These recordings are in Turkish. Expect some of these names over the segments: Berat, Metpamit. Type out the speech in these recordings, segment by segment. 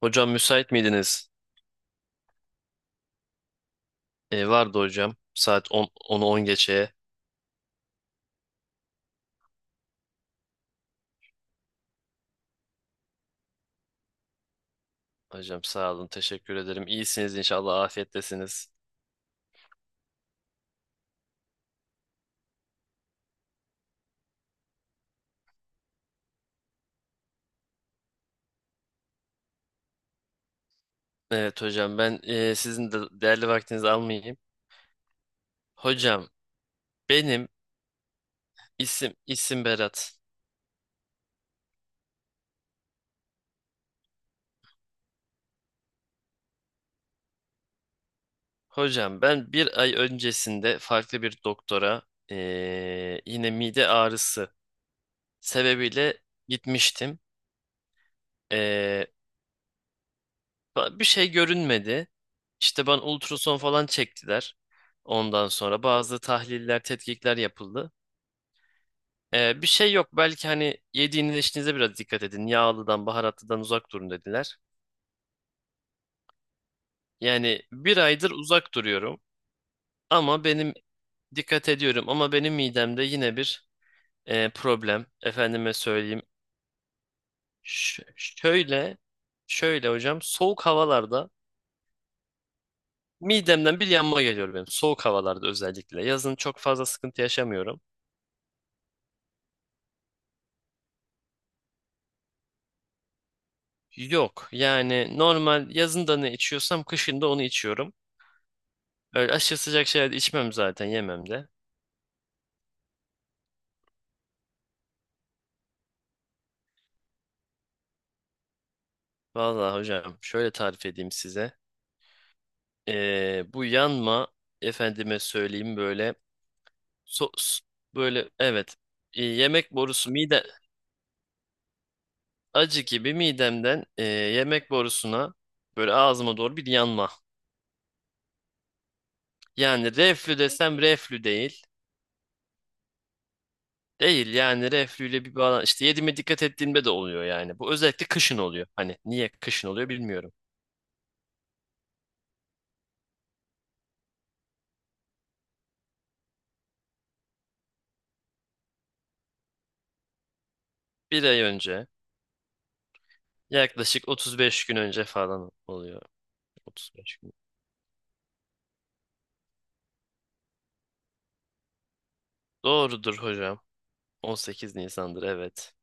Hocam müsait miydiniz? Vardı hocam. Saat 10'u 10 geçeye. Hocam sağ olun. Teşekkür ederim. İyisiniz inşallah. Afiyettesiniz. Evet hocam ben sizin de değerli vaktinizi almayayım. Hocam benim isim Berat. Hocam ben bir ay öncesinde farklı bir doktora yine mide ağrısı sebebiyle gitmiştim. E, Bir şey görünmedi. İşte ben ultrason falan çektiler. Ondan sonra bazı tahliller, tetkikler yapıldı. Bir şey yok. Belki hani yediğiniz içtiğinize biraz dikkat edin. Yağlıdan, baharatlıdan uzak durun dediler. Yani bir aydır uzak duruyorum. Ama benim Dikkat ediyorum. Ama benim midemde yine bir problem. Efendime söyleyeyim. Şöyle, şöyle hocam. Soğuk havalarda midemden bir yanma geliyor benim. Soğuk havalarda özellikle. Yazın çok fazla sıkıntı yaşamıyorum. Yok yani normal yazında ne içiyorsam kışında onu içiyorum. Öyle aşırı sıcak şeyler de içmem zaten yemem de. Vallahi hocam şöyle tarif edeyim size. Bu yanma efendime söyleyeyim böyle sos böyle evet yemek borusu mide acı gibi midemden yemek borusuna böyle ağzıma doğru bir yanma. Yani reflü desem reflü değil. Değil yani reflüyle bir bağlan işte yediğime dikkat ettiğimde de oluyor yani. Bu özellikle kışın oluyor. Hani niye kışın oluyor bilmiyorum. Bir ay önce Yaklaşık 35 gün önce falan oluyor. 35 gün. Doğrudur hocam. 18 Nisan'dır evet.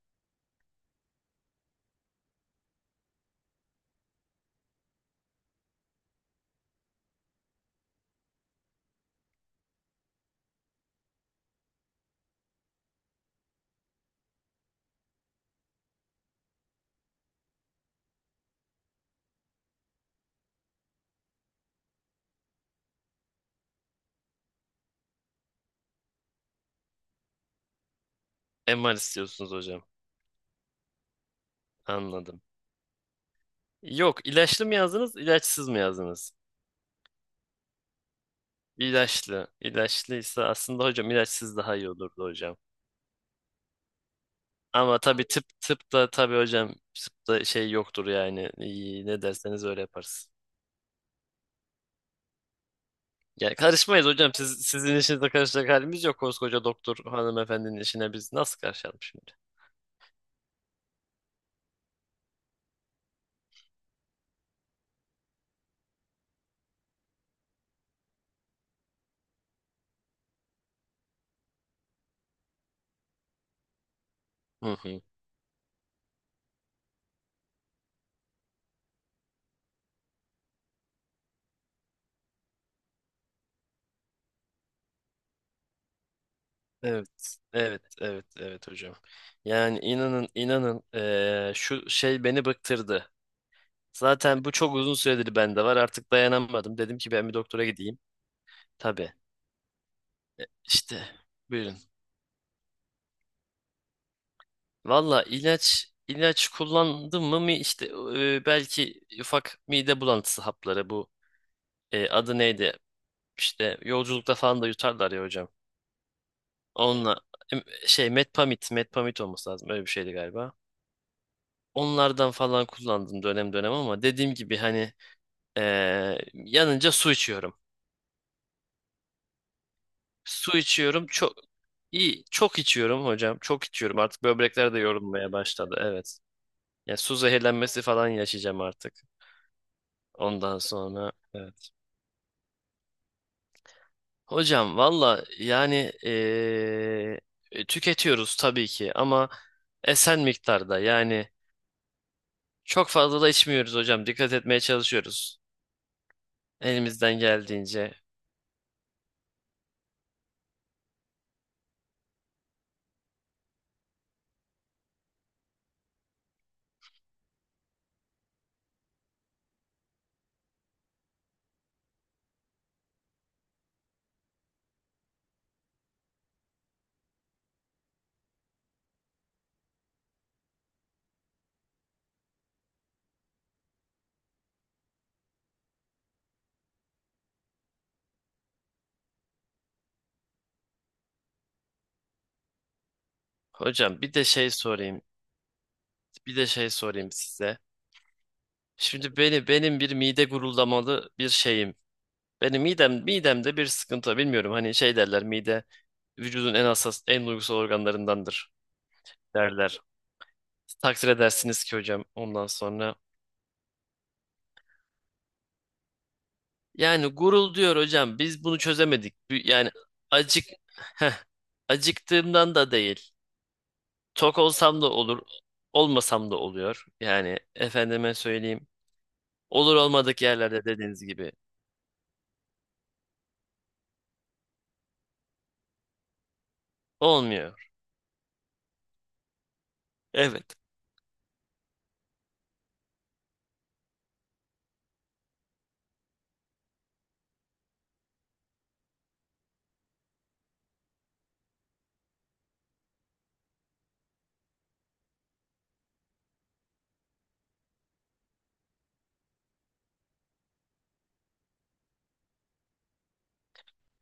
MR istiyorsunuz hocam. Anladım. Yok ilaçlı mı yazdınız ilaçsız mı yazdınız? İlaçlı. İlaçlıysa aslında hocam ilaçsız daha iyi olurdu hocam. Ama tabii tıpta tabii hocam tıpta şey yoktur yani. İyi, ne derseniz öyle yaparız. Ya karışmayız hocam. Sizin işinize karışacak halimiz yok. Koskoca doktor hanımefendinin işine biz nasıl karışalım şimdi? Hı hı. Evet. Evet, evet, evet hocam. Yani inanın, inanın şu şey beni bıktırdı. Zaten bu çok uzun süredir bende var. Artık dayanamadım. Dedim ki ben bir doktora gideyim. Tabii. İşte buyurun. Valla ilaç kullandım mı işte belki ufak mide bulantısı hapları bu adı neydi? İşte yolculukta falan da yutarlar ya hocam. Onunla Metpamit, Metpamit olması lazım. Öyle bir şeydi galiba. Onlardan falan kullandım dönem dönem ama dediğim gibi hani yanınca su içiyorum. Su içiyorum çok iyi çok içiyorum hocam. Çok içiyorum. Artık böbrekler de yorulmaya başladı. Evet. Ya su zehirlenmesi falan yaşayacağım artık. Ondan sonra evet. Hocam valla yani tüketiyoruz tabii ki ama esen miktarda yani çok fazla da içmiyoruz hocam. Dikkat etmeye çalışıyoruz. Elimizden geldiğince. Hocam bir de şey sorayım. Bir de şey sorayım size. Şimdi beni Benim bir mide guruldamalı bir şeyim. Benim midemde bir sıkıntı var. Bilmiyorum. Hani şey derler, mide vücudun en hassas en duygusal organlarındandır derler. Takdir edersiniz ki hocam ondan sonra. Yani gurul diyor hocam biz bunu çözemedik. Yani acık heh, acıktığımdan da değil. Tok olsam da olur, olmasam da oluyor. Yani efendime söyleyeyim. Olur olmadık yerlerde dediğiniz gibi. Olmuyor. Evet.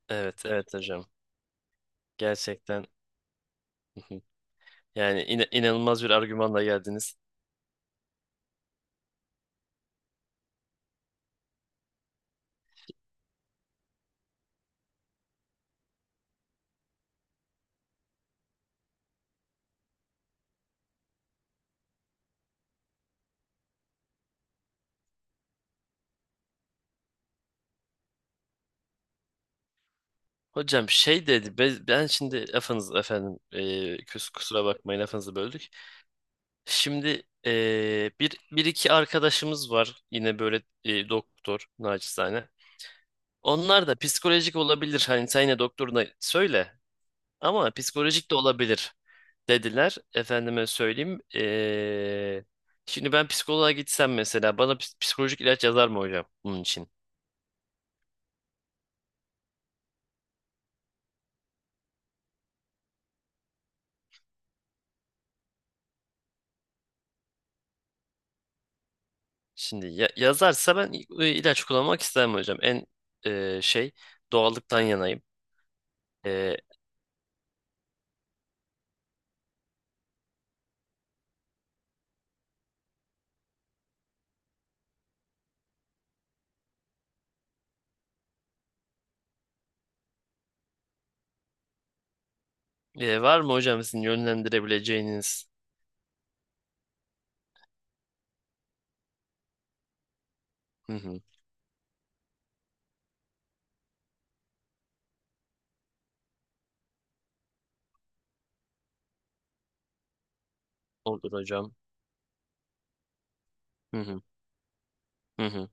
Evet, evet hocam. Gerçekten yani inanılmaz bir argümanla geldiniz. Hocam ben şimdi lafınız efendim kusura bakmayın lafınızı böldük. Şimdi bir iki arkadaşımız var yine böyle doktor naçizane. Onlar da psikolojik olabilir hani sen yine doktoruna söyle ama psikolojik de olabilir dediler. Efendime söyleyeyim. Şimdi ben psikoloğa gitsem mesela bana psikolojik ilaç yazar mı hocam bunun için? Şimdi yazarsa ben ilaç kullanmak istemem hocam. En eee, şey doğallıktan yanayım. Eee, Var mı hocam sizin yönlendirebileceğiniz? Hı hı, olur hocam. Hı hı, hı hı.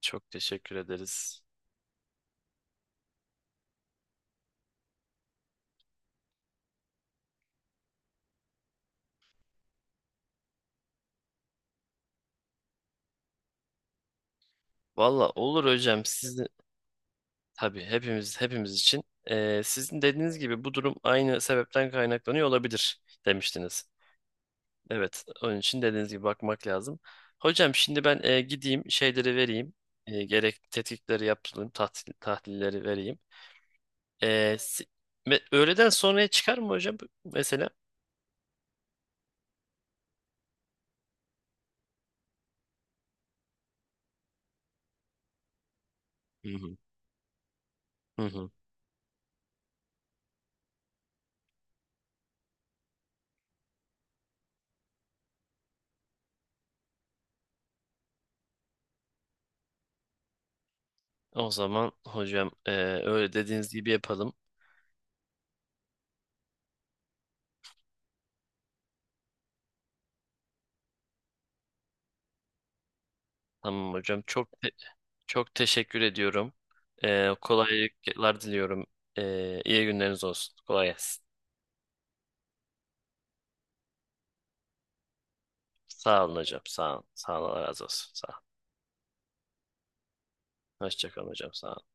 Çok teşekkür ederiz. Valla olur hocam sizin tabii hepimiz için. Sizin dediğiniz gibi bu durum aynı sebepten kaynaklanıyor olabilir demiştiniz. Evet, onun için dediğiniz gibi bakmak lazım. Hocam şimdi ben gideyim şeyleri vereyim. E, gerek tetkikleri yaptırayım, tahlilleri vereyim. E, si- Öğleden sonraya çıkar mı hocam mesela? Hı hı. Hı hı. O zaman hocam öyle dediğiniz gibi yapalım. Tamam hocam çok teşekkür ediyorum. E, kolaylıklar diliyorum. E, iyi günleriniz olsun. Kolay gelsin. Sağ olun hocam. Sağ olun. Sağ olun. Allah razı olsun. Sağ olun. Hoşça kalın hocam. Sağ olun.